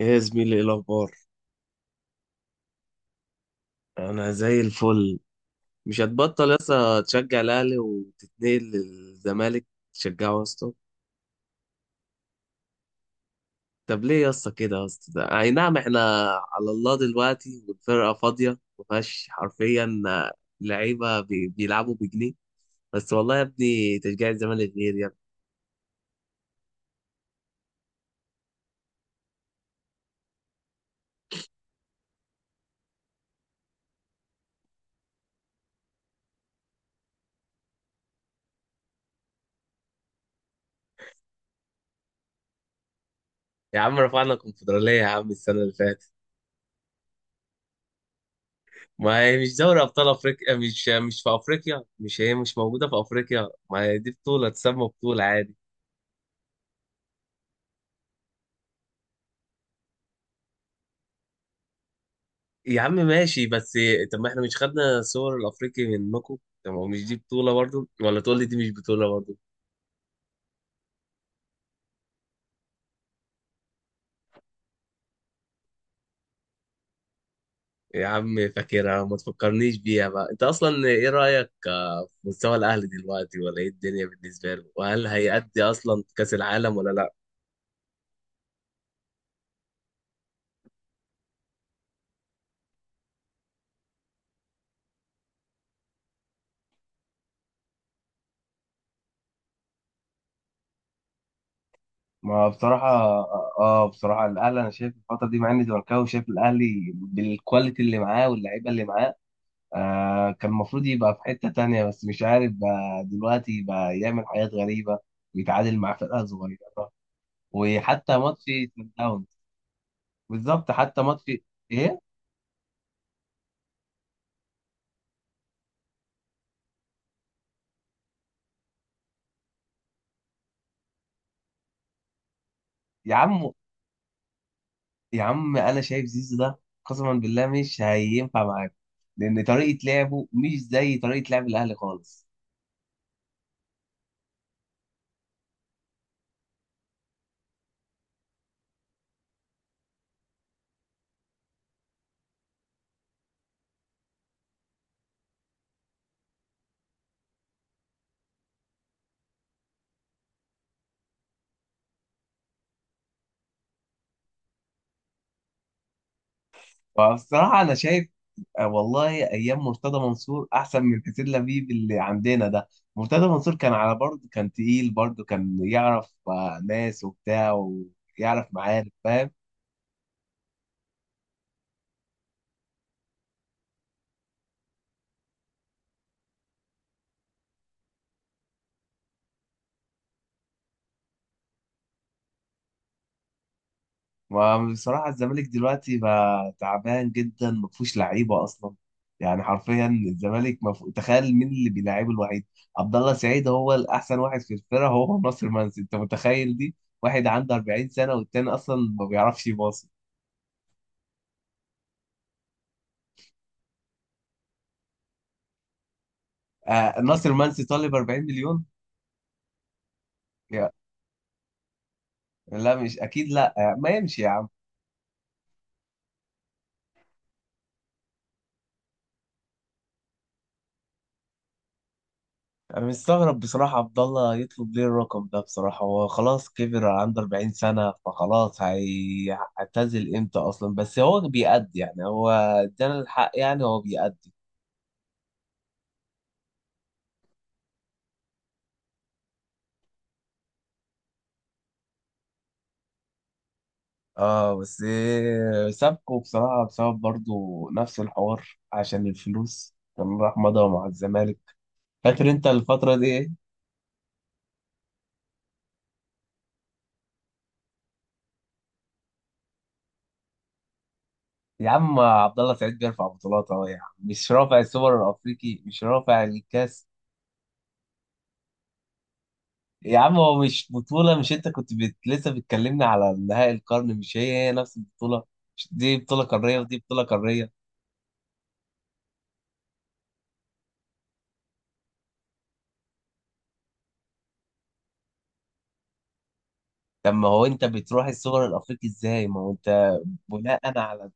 ايه يا زميلي، ايه الاخبار؟ انا زي الفل. مش هتبطل يا اسطى تشجع الاهلي وتتنقل للزمالك؟ تشجعه يا اسطى. طب ليه يا اسطى كده يا اسطى اي نعم احنا على الله دلوقتي والفرقه فاضيه، ما فيهاش حرفيا لعيبه بيلعبوا بجنيه، بس والله يا ابني تشجيع الزمالك غير يا ابني. يا عم رفعنا الكونفدراليه يا عم السنه اللي فاتت. ما هي مش دوري ابطال افريقيا، مش في افريقيا، مش هي مش موجوده في افريقيا، ما هي دي بطوله تسمى بطوله عادي. يا عم ماشي بس. طب ما احنا مش خدنا صور الافريقي منكم؟ طب هو مش دي بطولة برضو؟ ولا تقول لي دي مش بطولة برضو؟ يا عم فاكرها، ما تفكرنيش بيها بقى. انت اصلا ايه رأيك في مستوى الاهلي دلوقتي، ولا ايه الدنيا بالنسبة له، وهل هيأدي اصلا كأس العالم ولا لا؟ ما بصراحة اه، بصراحة الاهلي انا شايف الفترة دي، مع اني زملكاوي، شايف الاهلي بالكواليتي اللي معاه واللعيبة اللي معاه، آه كان المفروض يبقى في حتة تانية، بس مش عارف بقى دلوقتي بقى يعمل حاجات غريبة ويتعادل مع فرقة صغيرة، وحتى ماتش سان داونز، بالظبط حتى ماتش، ايه. يا عم، يا عم انا شايف زيزو ده قسما بالله مش هينفع معاك، لان طريقة لعبه مش زي طريقة لعب الاهلي خالص. فبصراحة انا شايف، آه والله ايام مرتضى منصور احسن من حسين لبيب اللي عندنا ده. مرتضى منصور كان على برضه، كان تقيل برضه، كان يعرف ناس وبتاع ويعرف معارف، فاهم. وبصراحة الزمالك دلوقتي بقى تعبان جدا، ما فيهوش لعيبة اصلا. يعني حرفيا الزمالك تخيل مين اللي بيلعبه الوحيد. عبد الله سعيد هو الاحسن واحد في الفرقة، هو ناصر منسي، انت متخيل دي؟ واحد عنده 40 سنة والتاني اصلا ما بيعرفش يباصي. آه ناصر منسي طالب 40 مليون؟ لا مش اكيد، لا يعني، ما يمشي يا عم. انا مستغرب بصراحه، عبد الله يطلب ليه الرقم ده بصراحه؟ هو خلاص كبر، عنده 40 سنه، فخلاص هيعتزل امتى اصلا؟ بس هو بيأدي، يعني هو ادانا الحق، يعني هو بيأدي. اه بس سابكو بصراحه بسبب برضو نفس الحوار عشان الفلوس، كان راح مضى مع الزمالك. فاكر انت الفتره دي، ايه. يا عم عبد الله سعيد بيرفع بطولات اهو، يا عم مش رافع السوبر الافريقي، مش رافع الكاس؟ يا عم هو مش بطولة، مش انت كنت لسه بتكلمني على نهائي القرن، مش هي هي نفس البطولة؟ مش دي بطولة قارية ودي بطولة قارية؟ طب ما هو انت بتروح السوبر الافريقي ازاي؟ ما هو انت بناء على،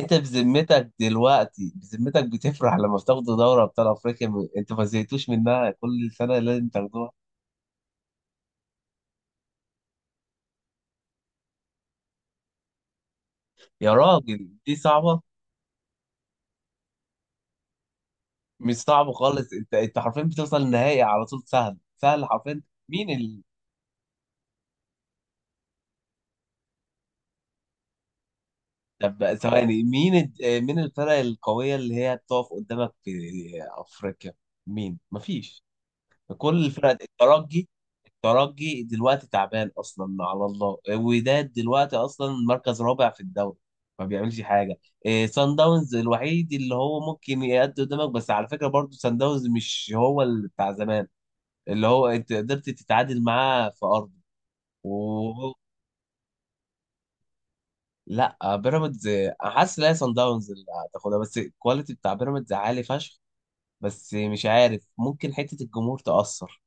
انت بذمتك دلوقتي بذمتك بتفرح لما بتاخدوا دوري ابطال افريقيا؟ انت ما زهقتوش منها كل سنة لازم تاخدوها؟ يا راجل دي صعبة؟ مش صعبة خالص، انت انت حرفيا بتوصل النهائي على طول، سهل سهل حرفيا. مين؟ طب بقى ثواني، مين الد- آه، مين الفرق القوية اللي هي بتقف قدامك في أفريقيا؟ مين؟ مفيش. كل الفرق الترجي، الترجي دلوقتي تعبان أصلا، على الله وداد دلوقتي أصلا مركز رابع في الدوري، ما بيعملش حاجة. إيه سان داونز الوحيد اللي هو ممكن يأدي قدامك، بس على فكرة برضو سان داونز مش هو اللي بتاع زمان اللي هو أنت قدرت تتعادل معاه في أرضه. لا بيراميدز، حاسس ان هي صن داونز اللي هتاخدها، بس الكواليتي بتاع بيراميدز عالي فشخ. بس مش عارف، ممكن حته الجمهور تأثر.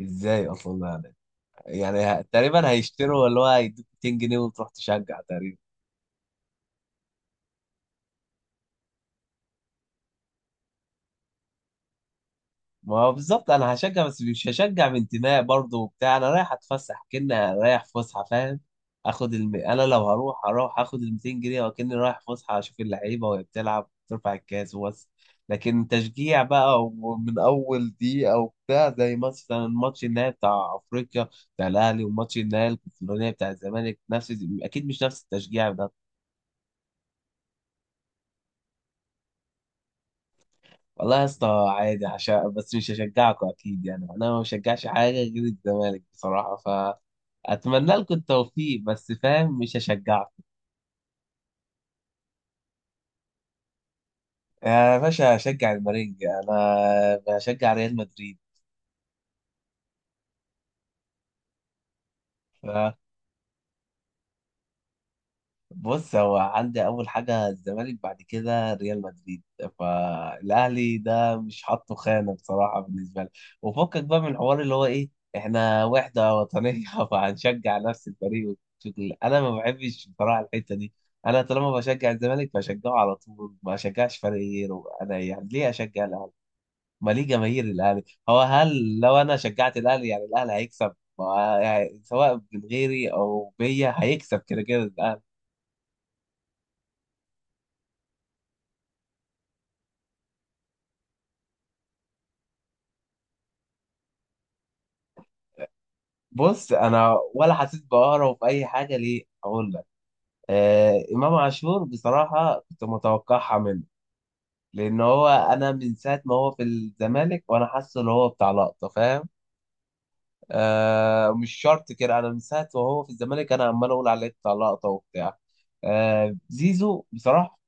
ازاي اصلا يعني؟ يعني تقريبا هيشتروا اللي هو هيدوك 200 جنيه وتروح تشجع. ما هو بالظبط انا هشجع، بس مش هشجع من انتماء برضه وبتاع، انا رايح اتفسح كأني رايح فسحه، فاهم. انا لو هروح، هروح اخد ال 200 جنيه وكأني رايح فسحه اشوف اللعيبه وهي بتلعب ترفع الكاس وبس. لكن تشجيع بقى ومن اول دقيقه وبتاع زي مثلا ماتش النهائي بتاع افريقيا بتاع الاهلي وماتش النهائي الكونفدراليه بتاع الزمالك نفس، اكيد مش نفس التشجيع ده. والله يا اسطى عادي، عشان بس مش هشجعكم اكيد، يعني انا ما بشجعش حاجه غير الزمالك بصراحه. فاتمنى لكم التوفيق، بس فاهم مش هشجعكم. يا باشا هشجع المارينجا، انا بشجع ريال مدريد. بص هو عندي اول حاجه الزمالك، بعد كده ريال مدريد، فالاهلي ده مش حاطه خانه بصراحه بالنسبه لي. وفكك بقى من الحوار اللي هو ايه، احنا وحده وطنيه فهنشجع نفس الفريق والشغل. انا ما بحبش بصراحه الحته دي. انا طالما بشجع الزمالك بشجعه على طول، ما اشجعش فريق غيره. انا يعني ليه اشجع الاهلي؟ ما ليه جماهير الاهلي، هو هل لو انا شجعت الاهلي يعني الاهلي هيكسب؟ يعني سواء من غيري او بيا هيكسب كده كده الاهلي. بص انا ولا حسيت بقهرة في اي حاجه، ليه اقول لك، آه امام عاشور بصراحه كنت متوقعها منه، لان هو انا من ساعه ما هو في الزمالك وانا حاسه ان هو بتاع لقطه، فاهم، آه مش شرط كده، انا من ساعه ما هو في الزمالك انا عمال اقول عليه بتاع لقطه وبتاع. آه زيزو بصراحه،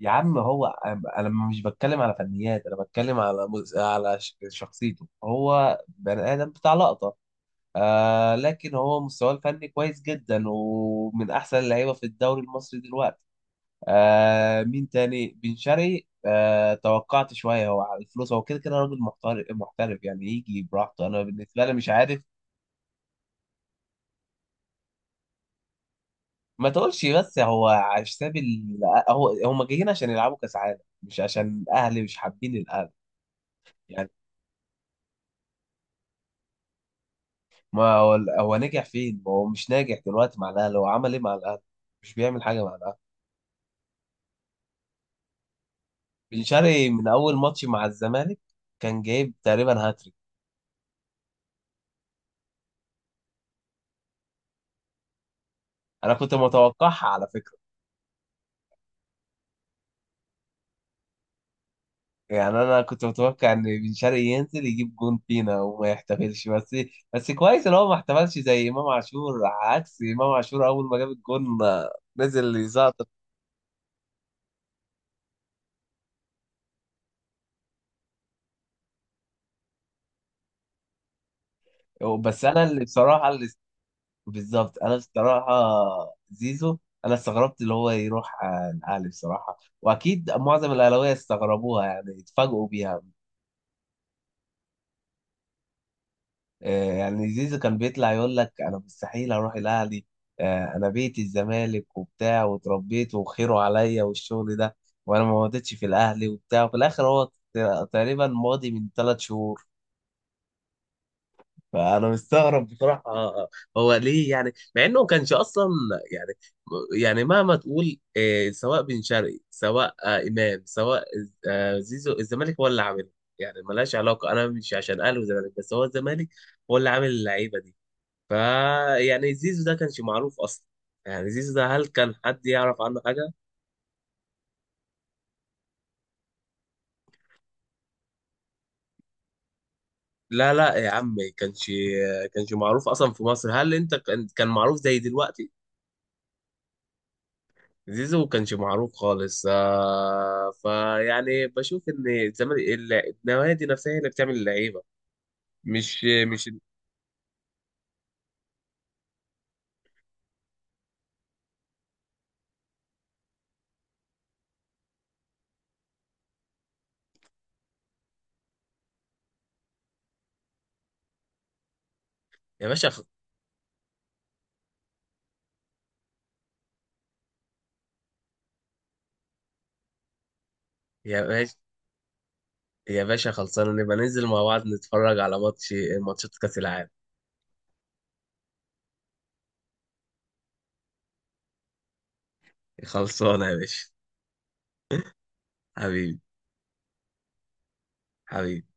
يا عم هو، انا مش بتكلم على فنيات، انا بتكلم على شخصيته، هو بني ادم بتاع لقطه، آه لكن هو مستواه الفني كويس جدا ومن احسن اللعيبه في الدوري المصري دلوقتي. آه مين تاني، بن شرقي، آه توقعت شويه، هو على الفلوس، هو كده كده راجل محترف محترف، يعني يجي براحته انا بالنسبه لي مش عارف. ما تقولش بس هو على حساب هو هم جايين عشان يلعبوا كاس عالم مش عشان الاهلي، مش حابين الاهلي يعني. ما هو، هو نجح فين؟ ما هو مش ناجح دلوقتي مع الاهلي، هو عمل ايه مع الاهلي؟ مش بيعمل حاجه مع الاهلي. بن شرقي من اول ماتش مع الزمالك كان جايب تقريبا هاتريك. انا كنت متوقعها على فكره، يعني انا كنت متوقع ان بن شرقي ينزل يجيب جون فينا وما يحتفلش بس. بس كويس ان هو ما احتفلش زي امام عاشور، عكس امام عاشور اول ما جاب الجون نزل يزعطر. بس انا اللي بصراحه اللي، بالظبط انا بصراحه، زيزو، انا استغربت اللي هو يروح الاهلي بصراحه، واكيد معظم الاهلاويه استغربوها يعني اتفاجئوا بيها. يعني زيزو كان بيطلع يقول لك انا مستحيل اروح الاهلي، انا بيتي الزمالك وبتاع واتربيت وخيره عليا والشغل ده، وانا ما مضيتش في الاهلي وبتاع، وفي الاخر هو تقريبا ماضي من ثلاث شهور. فانا مستغرب بصراحه، هو ليه يعني؟ مع انه ما كانش اصلا يعني، يعني مهما تقول سواء بن شرقي سواء امام سواء زيزو، الزمالك هو اللي عاملها، يعني ملهاش علاقه، انا مش عشان اهلي وزمالك، بس هو الزمالك هو اللي عامل اللعيبه دي. فا يعني زيزو ده كانش معروف اصلا، يعني زيزو ده هل كان حد يعرف عنه حاجه؟ لا لا يا عم كانش معروف اصلا في مصر، هل انت كان معروف زي دلوقتي؟ زيزو كانش معروف خالص، آه فيعني بشوف ان الزمالك، النوادي نفسها هي اللي بتعمل اللعيبه، مش مش يا باشا خ- يا باشا، يا باشا خلصانه نبقى ننزل مع بعض نتفرج على ماتش، ماتشات كاس العالم. خلصانه يا باشا. حبيبي. حبيبي.